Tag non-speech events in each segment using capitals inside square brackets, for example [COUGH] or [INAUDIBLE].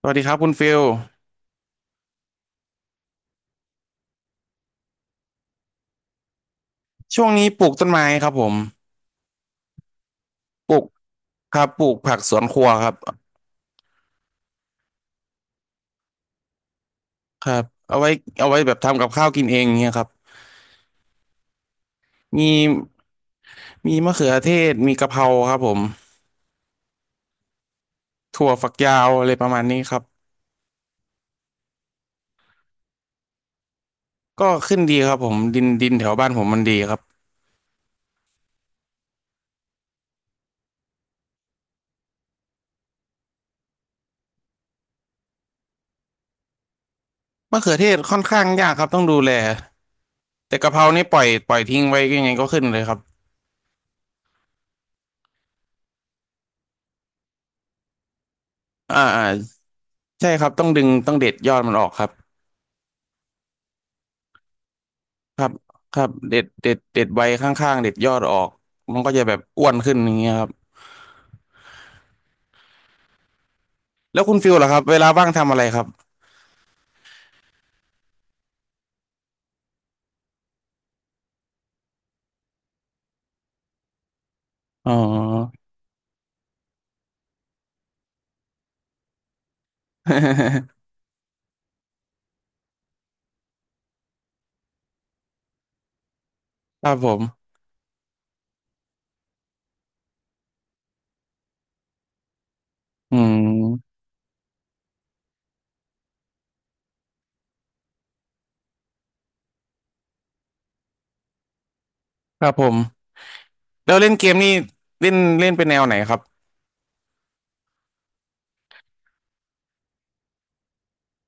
สวัสดีครับคุณฟิลช่วงนี้ปลูกต้นไม้ครับผมปลูกครับปลูกผักสวนครัวครับครับเอาไว้เอาไว้แบบทำกับข้าวกินเองเงี้ยครับมีมีมะเขือเทศมีกะเพราครับผมถั่วฝักยาวอะไรประมาณนี้ครับก็ขึ้นดีครับผมดินแถวบ้านผมมันดีครับมะเขือเทศค่อนข้างยากครับต้องดูแลแต่กะเพรานี่ปล่อยทิ้งไว้ยังไงก็ขึ้นเลยครับอ่าอ่าใช่ครับต้องดึงต้องเด็ดยอดมันออกครับ ครับครับเด็ดใบข้างๆเด็ดยอดออกมันก็จะแบบอ้วนขึ้นอย่างเงี้ยครับแล้วคุณฟิลล่ะครับเวลาว่างทำอะไรครับอ๋อ [LAUGHS] ครับผมอืมครับผมแล้วเล่นเกมนี่เล่นเล่นเป็นแนวไหนครับ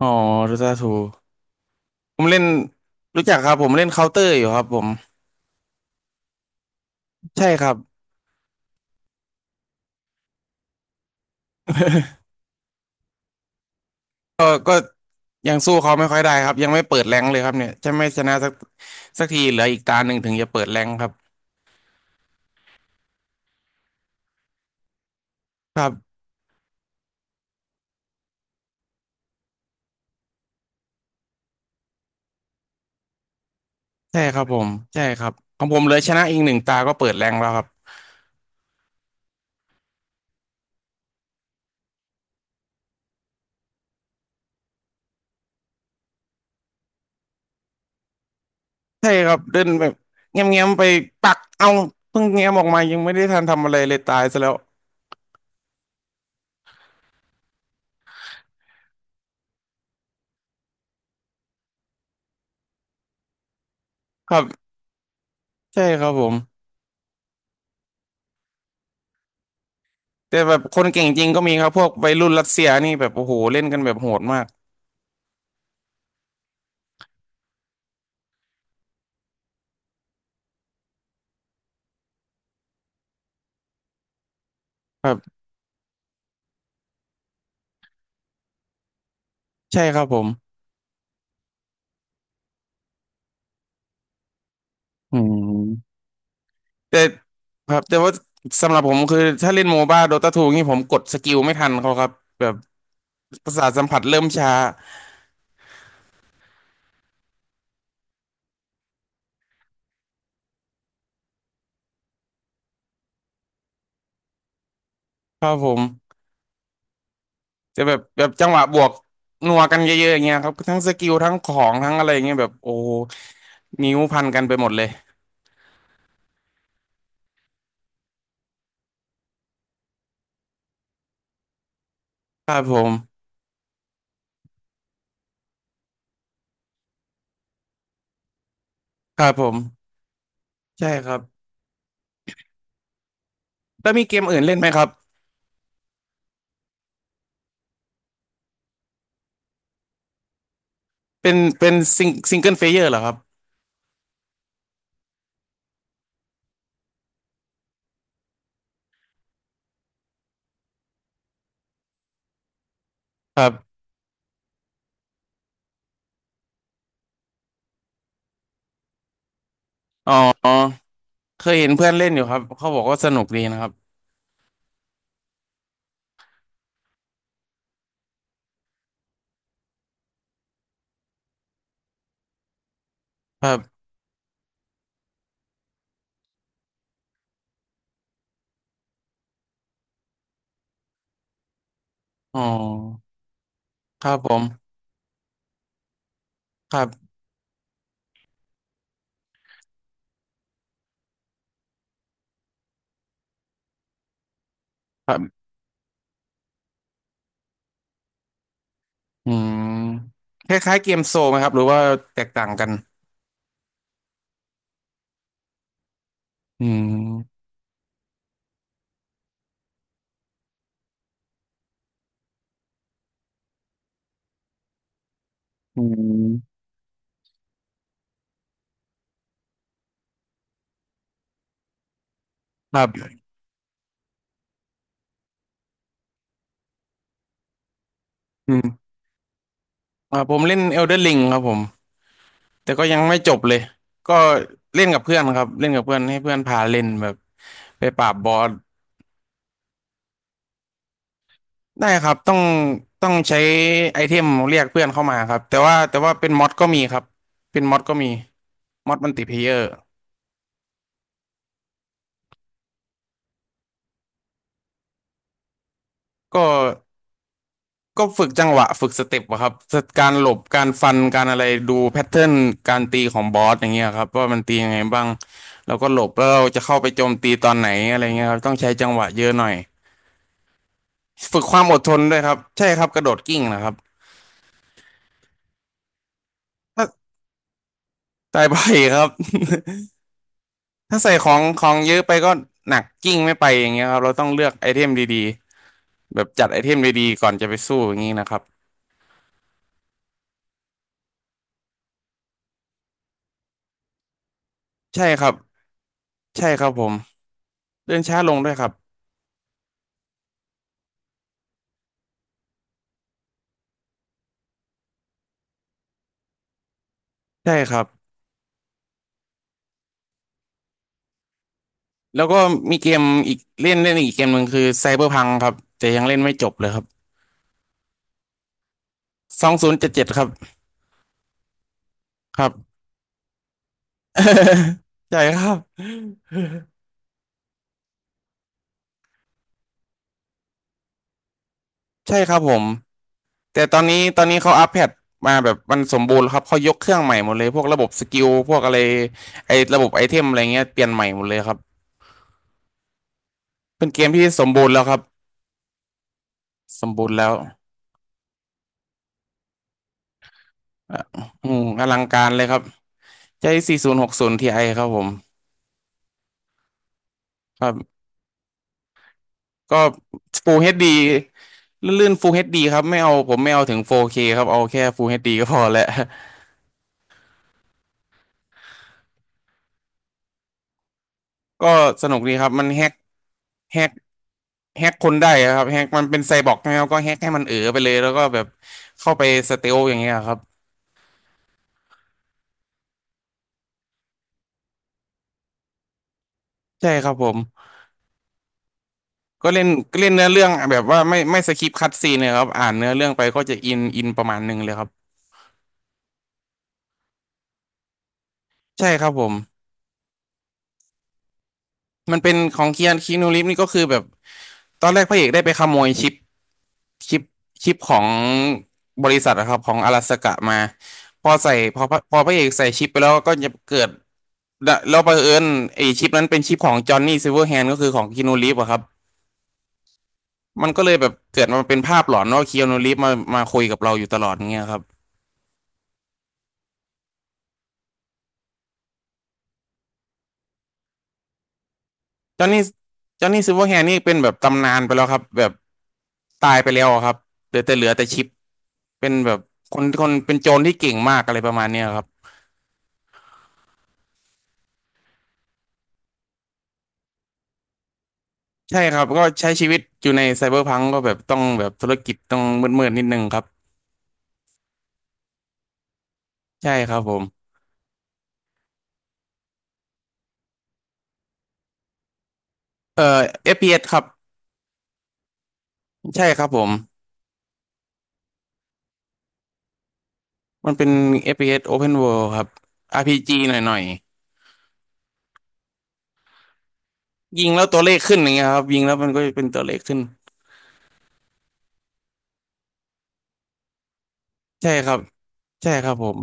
อ๋อดูตาทูผมเล่นรู้จักครับผมเล่นเคาน์เตอร์อยู่ครับผมใช่ครับก็ยังสู้เขาไม่ค่อยได้ครับยังไม่เปิดแรงค์เลยครับเนี่ยจะไม่ชนะสักสักทีเหลืออีกตาหนึ่งถึงจะเปิดแรงค์ครับครับ ใช่ครับผมใช่ครับของผมเลยชนะอีกหนึ่งตาก็เปิดแรงแล้วครับใช่ครับเดินแบบเงี้ยมๆไปปักเอาเพิ่งเง้ยมออกมายังไม่ได้ทันทำอะไรเลยตายซะแล้วครับใช่ครับผมแต่แบบคนเก่งจริงก็มีครับพวกวัยรุ่นรัสเซียนี่แบบโอ้โหเล่นกันแบบโหดมากครับใช่ครับผมอืมแต่ครับแต่ว่าสำหรับผมคือถ้าเล่นโมบ้าโดตาทูนี่ผมกดสกิลไม่ทันเขาครับแบบประสาทสัมผัสเริ่มช้าครับผม จะแบบแบบจังหวะบวกนัวกันเยอะๆอย่างเงี้ยครับทั้งสกิลทั้งของทั้งอะไรอย่างเงี้ยแบบโอ้โหนิ้วพันกันไปหมดเลยครับผมครับผมใช่ครับแล้วมีเกมอื่นเล่นไหมครับเป็นเป็นซิงเกิลเพลเยอร์เหรอครับครับอ๋อเคยเห็นเพื่อนเล่นอยู่ครับเขาบอกว่าสนุกดีนะครับครับอ๋อครับผมครับครับอืมคล้ายๆเกมโซลไหมครับหรือว่าแตกต่างกันอืมอืมครับอืมอ่าผมเล่น Elden Ring ครับผม แต่ก็ยังไม่จบเลย ก็เล่นกับเพื่อนครับเล่นกับเพื่อนให้เพื่อนพาเล่นแบบไปปราบบอสได้ครับต้องใช้ไอเทมเรียกเพื่อนเข้ามาครับแต่ว่าแต่ว่าเป็นมอดก็มีครับเป็นมอดก็มีมอดมัลติเพลเยอร์ก็ก็ฝึกจังหวะฝึกสเต็ปอะครับสการหลบการฟันการอะไรดูแพทเทิร์นการตีของบอสอย่างเงี้ยครับว่ามันตียังไงบ้างแล้วก็หลบแล้วเราจะเข้าไปโจมตีตอนไหนอะไรเงี้ยครับต้องใช้จังหวะเยอะหน่อยฝึกความอดทนด้วยครับใช่ครับกระโดดกิ้งนะครับ ถ้าใส่ไปครับ [LAUGHS] ถ้าใส่ของเยอะไปก็หนักกิ้งไม่ไปอย่างเงี้ยครับเราต้องเลือกไอเทมดีๆแบบจัดไอเทมดีๆก่อนจะไปสู้อย่างงี้นะครับใช่ครับใช่ครับผมเดินช้าลงด้วยครับใช่ครับแล้วก็มีเกมอีกเล่นเล่นอีกเกมหนึ่งคือไซเบอร์พังครับแต่ยังเล่นไม่จบเลยครับสองศูนย์เจ็ดเจ็ดครับครับ [LAUGHS] ใช่ครับใช่ครับผม แต่ตอนนี้เขาอัปเดตมาแบบมันสมบูรณ์แล้วครับเขายกเครื่องใหม่หมดเลยพวกระบบสกิลพวกอะไรไอ้ระบบไอเทมอะไรเงี้ยเปลี่ยนใหม่หมดเลยครับเป็นเกมที่สมบูรณ์แล้วครับสมบูรณ์แล้วอ่ะอืมอลังการเลยครับใช้4060 Ti ครับผมครับก็ Full HD ลื่นๆ Full เอชดีครับไม่เอาผมไม่เอาถึง 4K คครับเอาแค่ Full เอชดีก็พอแหละ [LAUGHS] ก็สนุกดีครับมันแฮก แฮกคนได้อะครับแฮกมันเป็นไซบอร์กใช่ไหมครับก็แฮกให้มันเอ๋อไปเลยแล้วก็แบบเข้าไปสเตลอย่างเงี้ยครับใช่ครับผมก็เล่นเนื้อเรื่องแบบว่าไม่สคิปคัตซีนเลยครับอ่านเนื้อเรื่องไปก็จะอินประมาณหนึ่งเลยครับใช่ครับผมมันเป็นของเคียนคีนูริฟนี่ก็คือแบบตอนแรกพระเอกได้ไปขโมยชิปชิปชิปของบริษัทอะครับของอลาสกะมาพอใส่พอพระพอพระเอกใส่ชิปไปแล้วก็จะเกิดแล้วบังเอิญไอ้ชิปนั้นเป็นชิปของจอห์นนี่ซิลเวอร์แฮนด์ก็คือของคีนูริฟอะครับ มันก็เลยแบบเกิดมาเป็นภาพหลอนว่าเคีอานูรีฟส์มามาคุยกับเราอยู่ตลอดเงี้ยครับจอห์นนี่จอห์นนี่ซิลเวอร์แฮนด์นี่เป็นแบบตำนานไปแล้วครับแบบตายไปแล้วครับเหลือแต่ชิปเป็นแบบคนคนเป็นโจรที่เก่งมากอะไรประมาณเนี้ยครับใช่ครับก็ใช้ชีวิตอยู่ในไซเบอร์พังก็แบบต้องแบบธุรกิจต้องมืดๆนิดนึงครับใช่ครับผมเอ่อ FPS ครับใช่ครับผมมันเป็น FPS Open World ครับ RPG หน่อยๆยิงแล้วตัวเลขขึ้นอย่างเงี้ยครับยิงแล้วมันก็เป็นตัวเลขขึ้น ใช่ครับ ใช่ครับผม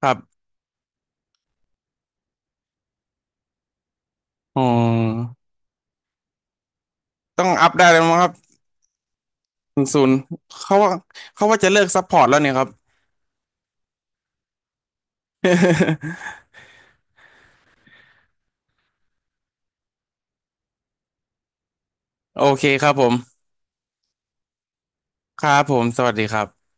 ครับอ๋อต้องอัพได้แล้วมั้งครับศูนย์เขาว่าเขาว่าจะเลิกซัพพอร์ตแล้วเนี่ยครับ [LAUGHS] โอเคครับผม ครับผม สวัสดีครับ